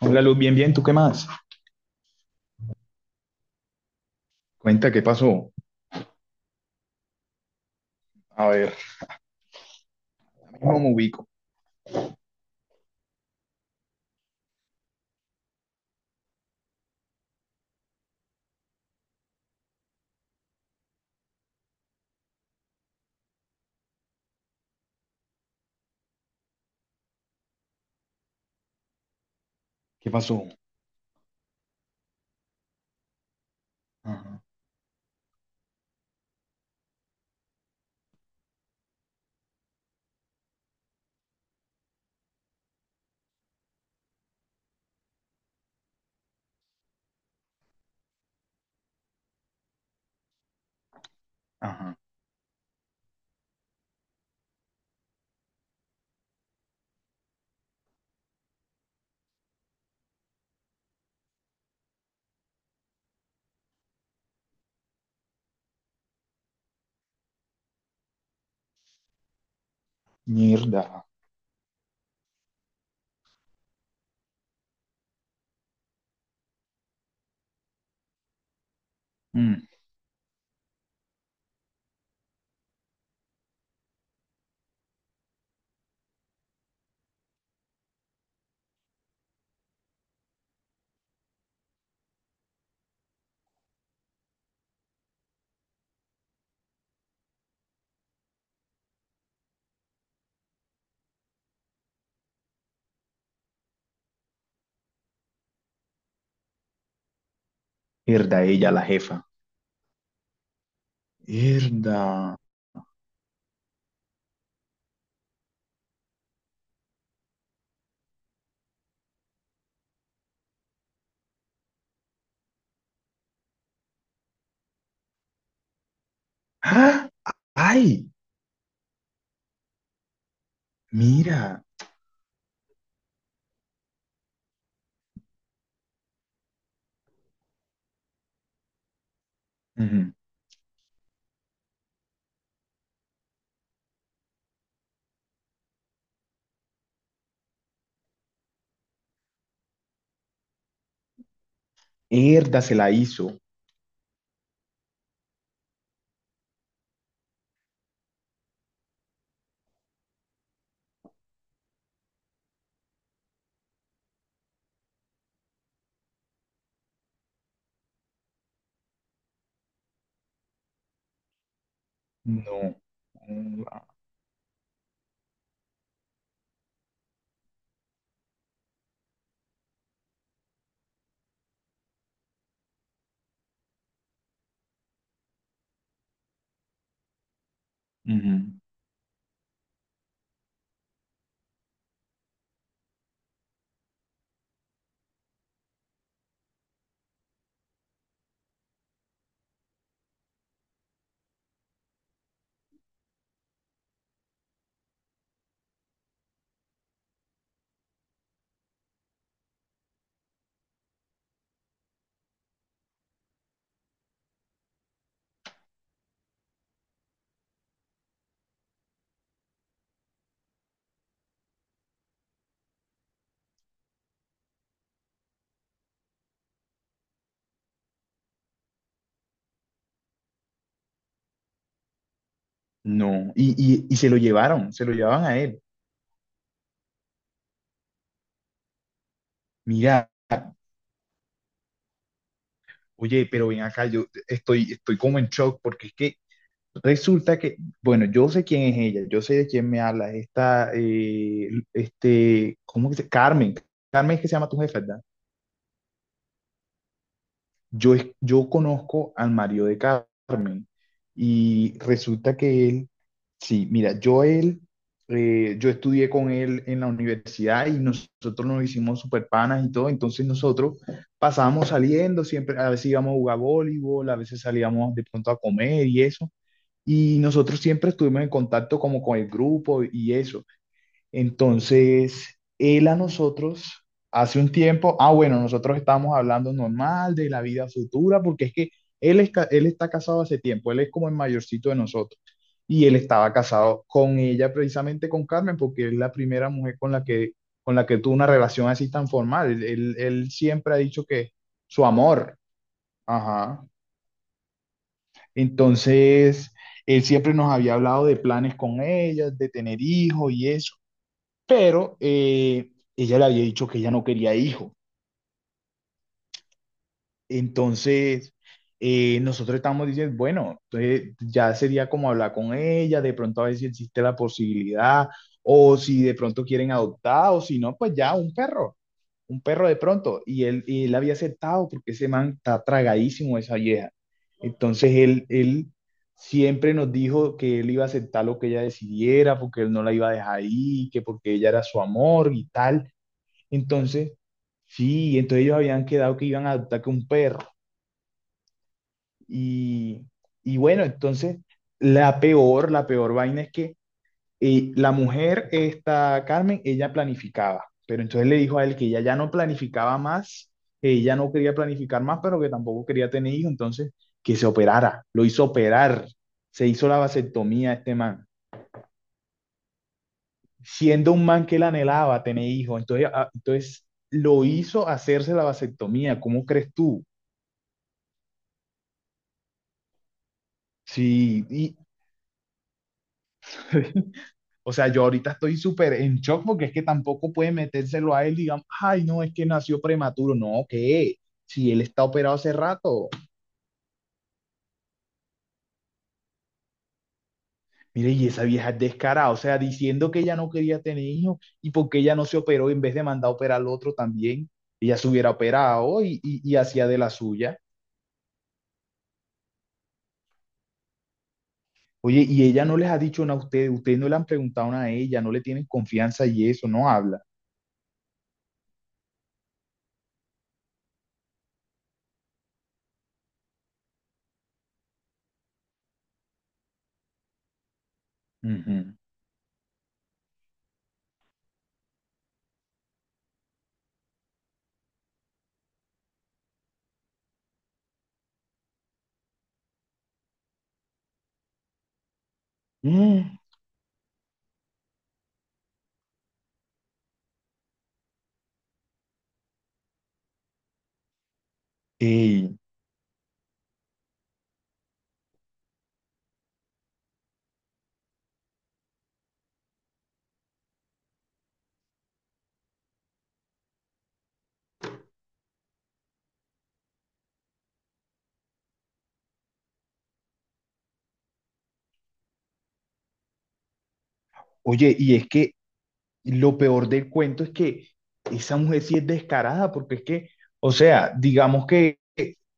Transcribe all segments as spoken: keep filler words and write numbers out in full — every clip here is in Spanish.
Hola Luz, bien, bien, ¿tú qué más? Cuenta, ¿qué pasó? A ver, no me ubico. ¿Qué pasó? Ajá, ajá. Mierda. Mm, Mierda, ella, la jefa. Mierda. ¡Ah! ¡Ay! Mira. Ujú. Mierda, se la hizo. No. Ujú. No. Y, y, y se lo llevaron, se lo llevaban a él. Mira, oye, pero ven acá, yo estoy, estoy como en shock porque es que resulta que, bueno, yo sé quién es ella, yo sé de quién me habla, esta, eh, este, ¿cómo que se Carmen, Carmen es que se llama tu jefa, ¿verdad? Yo, es- yo conozco al marido de Carmen y resulta que él, sí, mira, yo él, eh, yo estudié con él en la universidad y nosotros nos hicimos super panas y todo, entonces nosotros pasábamos saliendo, siempre, a veces íbamos a jugar voleibol, a veces salíamos de pronto a comer y eso. Y nosotros siempre estuvimos en contacto como con el grupo y eso. Entonces, él a nosotros hace un tiempo, ah, bueno, nosotros estábamos hablando normal de la vida futura, porque es que él, es ca- él está casado hace tiempo, él es como el mayorcito de nosotros. Y él estaba casado con ella, precisamente con Carmen, porque es la primera mujer con la que, con la que tuvo una relación así tan formal. Él, él él siempre ha dicho que su amor, ajá. Entonces, él siempre nos había hablado de planes con ella, de tener hijos y eso, pero eh, ella le había dicho que ella no quería hijos. Entonces, eh, nosotros estamos diciendo, bueno, entonces ya sería como hablar con ella, de pronto a ver si existe la posibilidad, o si de pronto quieren adoptar, o si no, pues ya un perro. Un perro de pronto, y él, y él había aceptado porque ese man está tragadísimo de esa vieja. Entonces él, él siempre nos dijo que él iba a aceptar lo que ella decidiera, porque él no la iba a dejar ahí, que porque ella era su amor y tal. Entonces, sí, entonces ellos habían quedado que iban a adoptar que un perro. Y, y bueno, entonces la peor, la peor vaina es que y la mujer, esta Carmen, ella planificaba, pero entonces le dijo a él que ella ya no planificaba más, que ella no quería planificar más, pero que tampoco quería tener hijos, entonces que se operara. Lo hizo operar, se hizo la vasectomía a este man, siendo un man que él anhelaba tener hijos, entonces, ah, entonces lo hizo hacerse la vasectomía. ¿Cómo crees tú? Sí, y o sea, yo ahorita estoy súper en shock porque es que tampoco puede metérselo a él, digamos, ay, no, es que nació prematuro. No, ¿qué? Si él está operado hace rato. Mire, y esa vieja es descarada, o sea, diciendo que ella no quería tener hijos y porque ella no se operó en vez de mandar a operar al otro también, ella se hubiera operado y, y, y hacía de la suya. Oye, y ella no les ha dicho nada a ustedes, ustedes no le han preguntado nada a ella, no le tienen confianza y eso, no habla. Ujú. Mm. Ey, oye, y es que Y lo peor del cuento es que esa mujer sí es descarada, porque es que, o sea, digamos que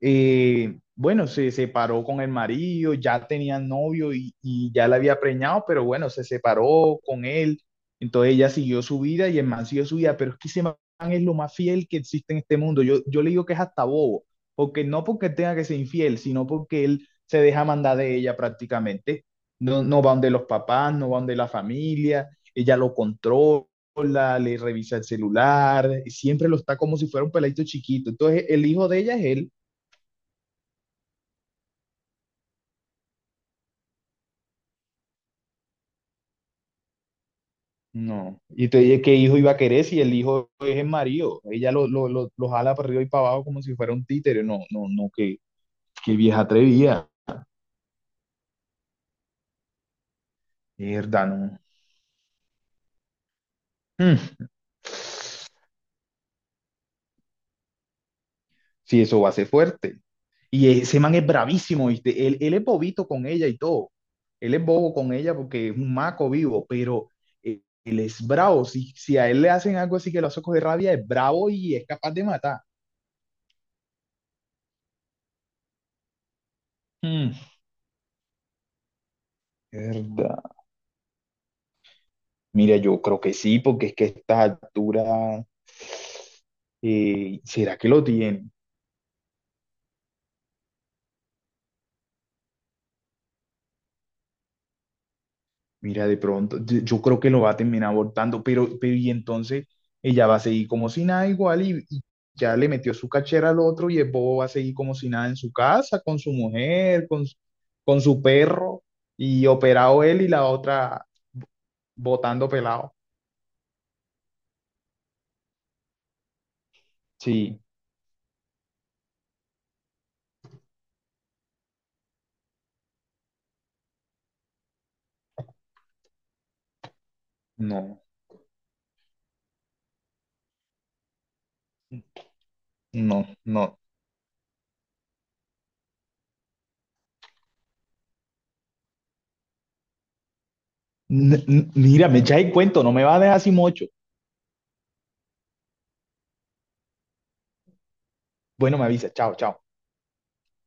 eh, bueno, se separó con el marido, ya tenía novio y, y ya la había preñado, pero bueno, se separó con él. Entonces ella siguió su vida y el man siguió su vida, pero es que ese man es lo más fiel que existe en este mundo. Yo, yo le digo que es hasta bobo, porque no porque tenga que ser infiel, sino porque él se deja mandar de ella prácticamente. No, no va donde los papás, no va donde la familia, ella lo controla, le revisa el celular, siempre lo está como si fuera un peladito chiquito. Entonces, el hijo de ella es él. No. Y te dije qué hijo iba a querer si el hijo es el marido. Ella lo, lo, lo, lo jala para arriba y para abajo como si fuera un títere. No, no, no, qué, qué, vieja atrevida. Mierda, no. Mm, sí, eso va a ser fuerte. Y ese man es bravísimo, ¿viste? Él, él es bobito con ella y todo. Él es bobo con ella porque es un maco vivo, pero él, él es bravo. Si, si a él le hacen algo así que lo hace coger rabia, es bravo y es capaz de matar. Mm, mierda. Mira, yo creo que sí, porque es que a estas alturas, eh, ¿será que lo tiene? Mira, de pronto, yo yo creo que lo va a terminar abortando, pero, pero y entonces ella va a seguir como si nada igual y, y ya le metió su cachera al otro y el bobo va a seguir como si nada en su casa, con su mujer, con, su- con su perro y operado él y la otra botando pelado. Sí, no, no, no. N- n- mira, me echa el cuento, no me va a dejar así mocho. Bueno, me avisa, chao, chao.